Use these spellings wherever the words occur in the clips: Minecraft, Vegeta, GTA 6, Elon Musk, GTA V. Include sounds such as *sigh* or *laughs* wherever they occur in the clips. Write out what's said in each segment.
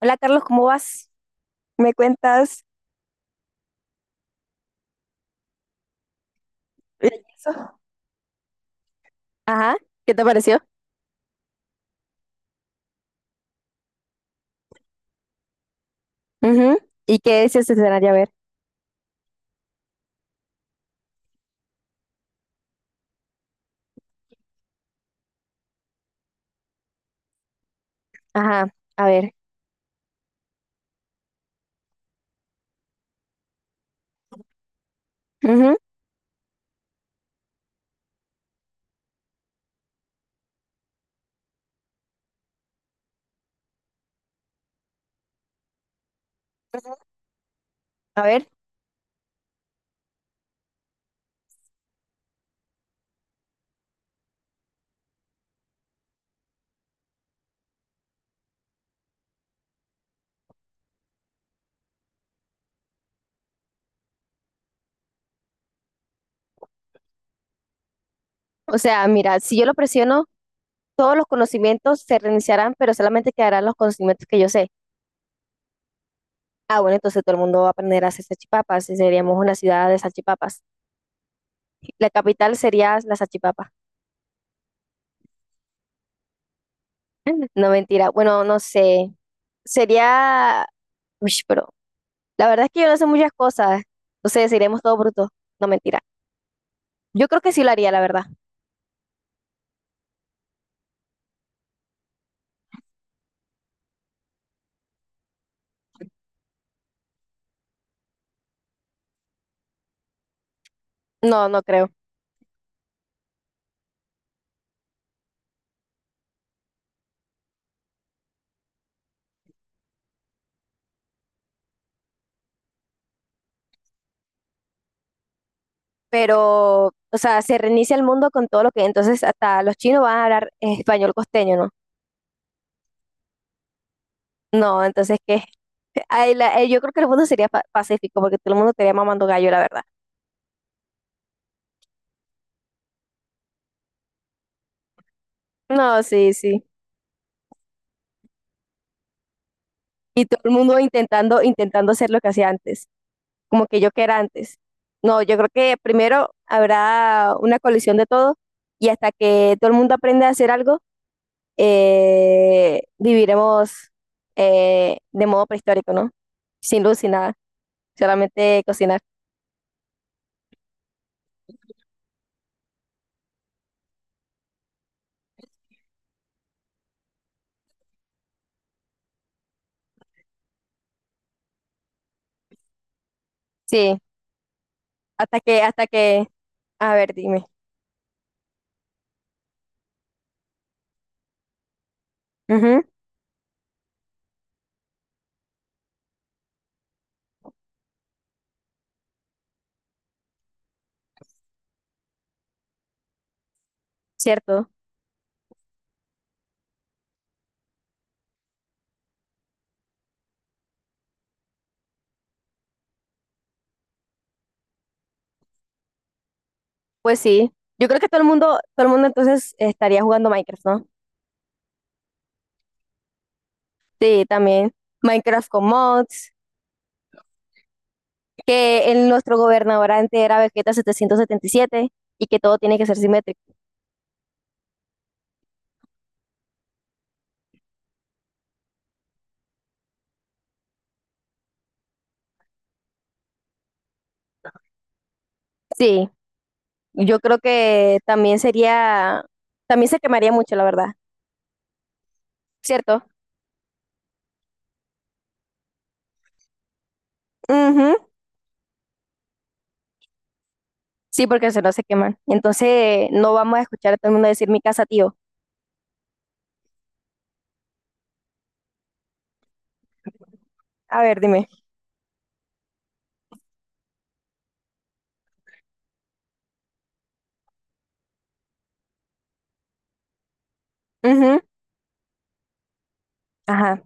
Hola Carlos, ¿cómo vas? ¿Me cuentas el yeso? Ajá, ¿qué te pareció? Ujú, ¿y qué es ese escenario? A ver, ajá, a ver, ujú, a ver. O sea, mira, si yo lo presiono, todos los conocimientos se reiniciarán, pero solamente quedarán los conocimientos que yo sé. Ah, bueno, entonces todo el mundo va a aprender a hacer salchipapas y seríamos una ciudad de salchipapas. La capital sería la salchipapa. *laughs* No, mentira. Bueno, no sé. Sería. Uy, pero la verdad es que yo no sé muchas cosas. Entonces, seríamos todo bruto. No, mentira. Yo creo que sí lo haría, la verdad. No, no creo. Pero, o sea, se reinicia el mundo con todo lo que, entonces hasta los chinos van a hablar español costeño, ¿no? No, entonces que *laughs* yo creo que el mundo sería pacífico porque todo el mundo estaría mamando gallo, la verdad. No, sí, sí. Y todo el mundo intentando hacer lo que hacía antes, como que yo que era antes. No, yo creo que primero habrá una colisión de todo y hasta que todo el mundo aprende a hacer algo, viviremos de modo prehistórico, ¿no? Sin luz, sin nada, solamente cocinar. Sí, hasta que, a ver, dime. Ujú, cierto, pues sí. Yo creo que todo el mundo entonces estaría jugando Minecraft, ¿no? Sí, también. Minecraft con mods, que nuestro gobernador antes era Vegeta 777 y que todo tiene que ser simétrico. Sí. Yo creo que también se quemaría mucho, la verdad, ¿cierto? Ujú, sí, porque se no se queman. Entonces, no vamos a escuchar a todo el mundo decir mi casa, tío. A ver, dime. Ujú, ajá.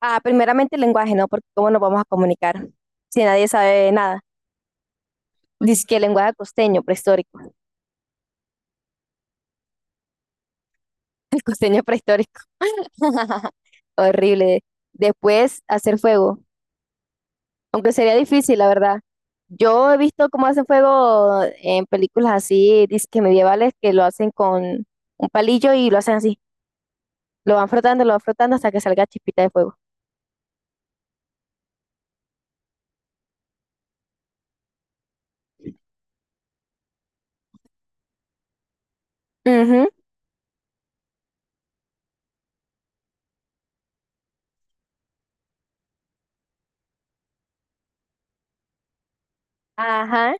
Ah, primeramente el lenguaje, ¿no? Porque cómo nos vamos a comunicar si nadie sabe nada. Dice que el lenguaje costeño prehistórico. *laughs* El costeño prehistórico. *laughs* Horrible. Después, hacer fuego. Aunque sería difícil, la verdad. Yo he visto cómo hacen fuego en películas así, disque medievales, que lo hacen con un palillo y lo hacen así. Lo van frotando hasta que salga chispita de fuego. Ujú, ajá.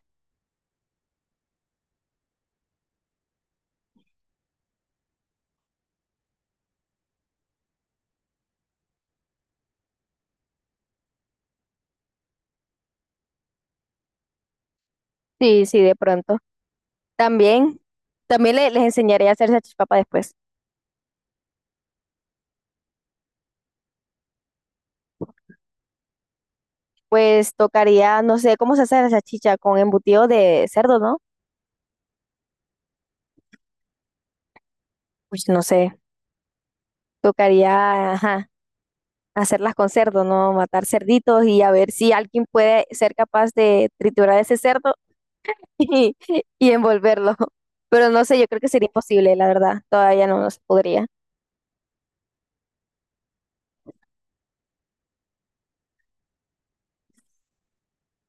Sí, sí, de pronto. También, también, les enseñaré a hacer salchipapa después. Pues tocaría, no sé, ¿cómo se hace la salchicha? Con embutido de cerdo, ¿no? Pues no sé. Tocaría, ajá, hacerlas con cerdo, ¿no? Matar cerditos y a ver si alguien puede ser capaz de triturar ese cerdo *laughs* y, y envolverlo. Pero no sé, yo creo que sería imposible, la verdad. Todavía no, no se podría.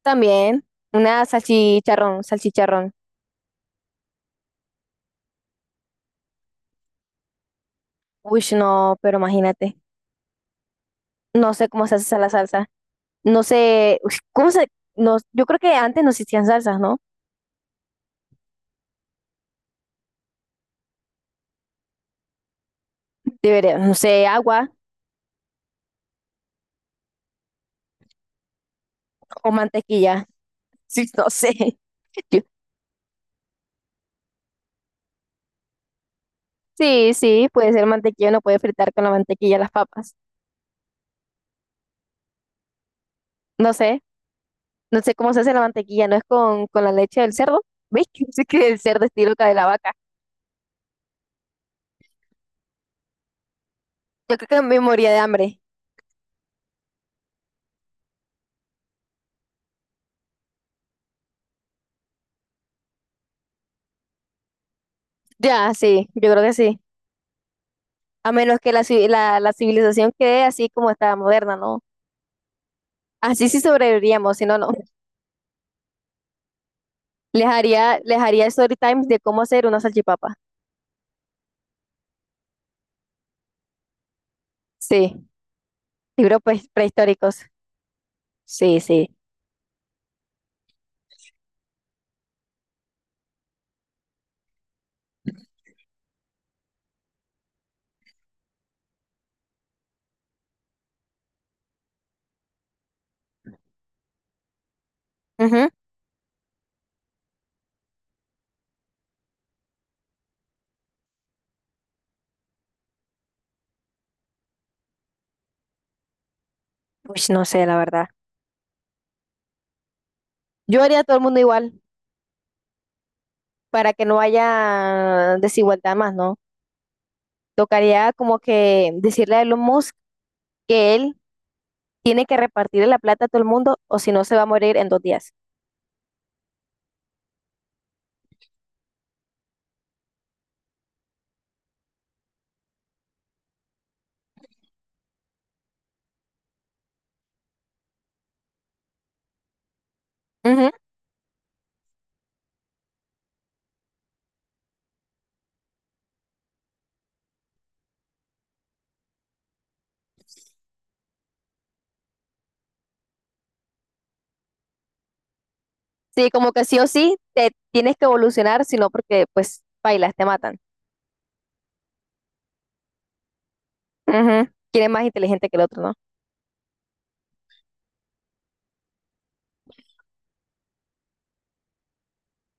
También una salchicharrón, salchicharrón. Uy, no, pero imagínate. No sé cómo se hace esa la salsa. No sé, uy, ¿cómo se…? No, yo creo que antes no existían salsas, ¿no? Debería, no sé, agua o mantequilla. *laughs* Sí, no sé. *laughs* Yo- sí, sí, puede ser mantequilla, no puede fritar con la mantequilla las papas. No sé, no sé, cómo se hace la mantequilla, no es con la leche del cerdo. ¿Veis *laughs* sí que el cerdo es loca de la vaca? Yo creo que me moría de hambre. Ya, sí, yo creo que sí. A menos que la civilización quede así como está moderna, ¿no? Así sí sobreviviríamos, si no, no. Les haría story times de cómo hacer una salchipapa. Sí, libros prehistóricos. Sí, sí. Ujú. Pues no sé, la verdad. Yo haría a todo el mundo igual, para que no haya desigualdad más, ¿no? Tocaría como que decirle a Elon Musk que él tiene que repartirle la plata a todo el mundo o si no se va a morir en 2 días. Ujú. Sí, como que sí o sí te tienes que evolucionar, sino porque pues bailas, te matan. Ujú. ¿Quién es más inteligente que el otro, no?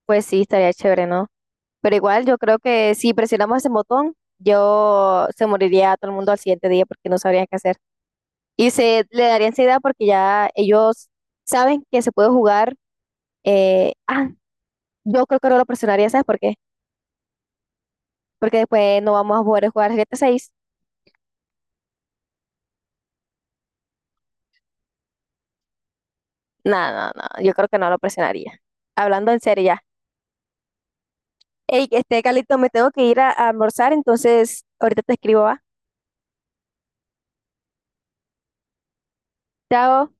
Pues sí, estaría chévere, ¿no? Pero igual yo creo que si presionamos ese botón, yo se moriría todo el mundo al siguiente día porque no sabrían qué hacer. Y se le daría ansiedad porque ya ellos saben que se puede jugar. Ah, yo creo que no lo presionaría, ¿sabes por qué? Porque después no vamos a poder jugar GTA 6. No, no, no, yo creo que no lo presionaría. Hablando en serio ya. Hey, este Calito, me tengo que ir a almorzar, entonces ahorita te escribo, ¿va? Chao.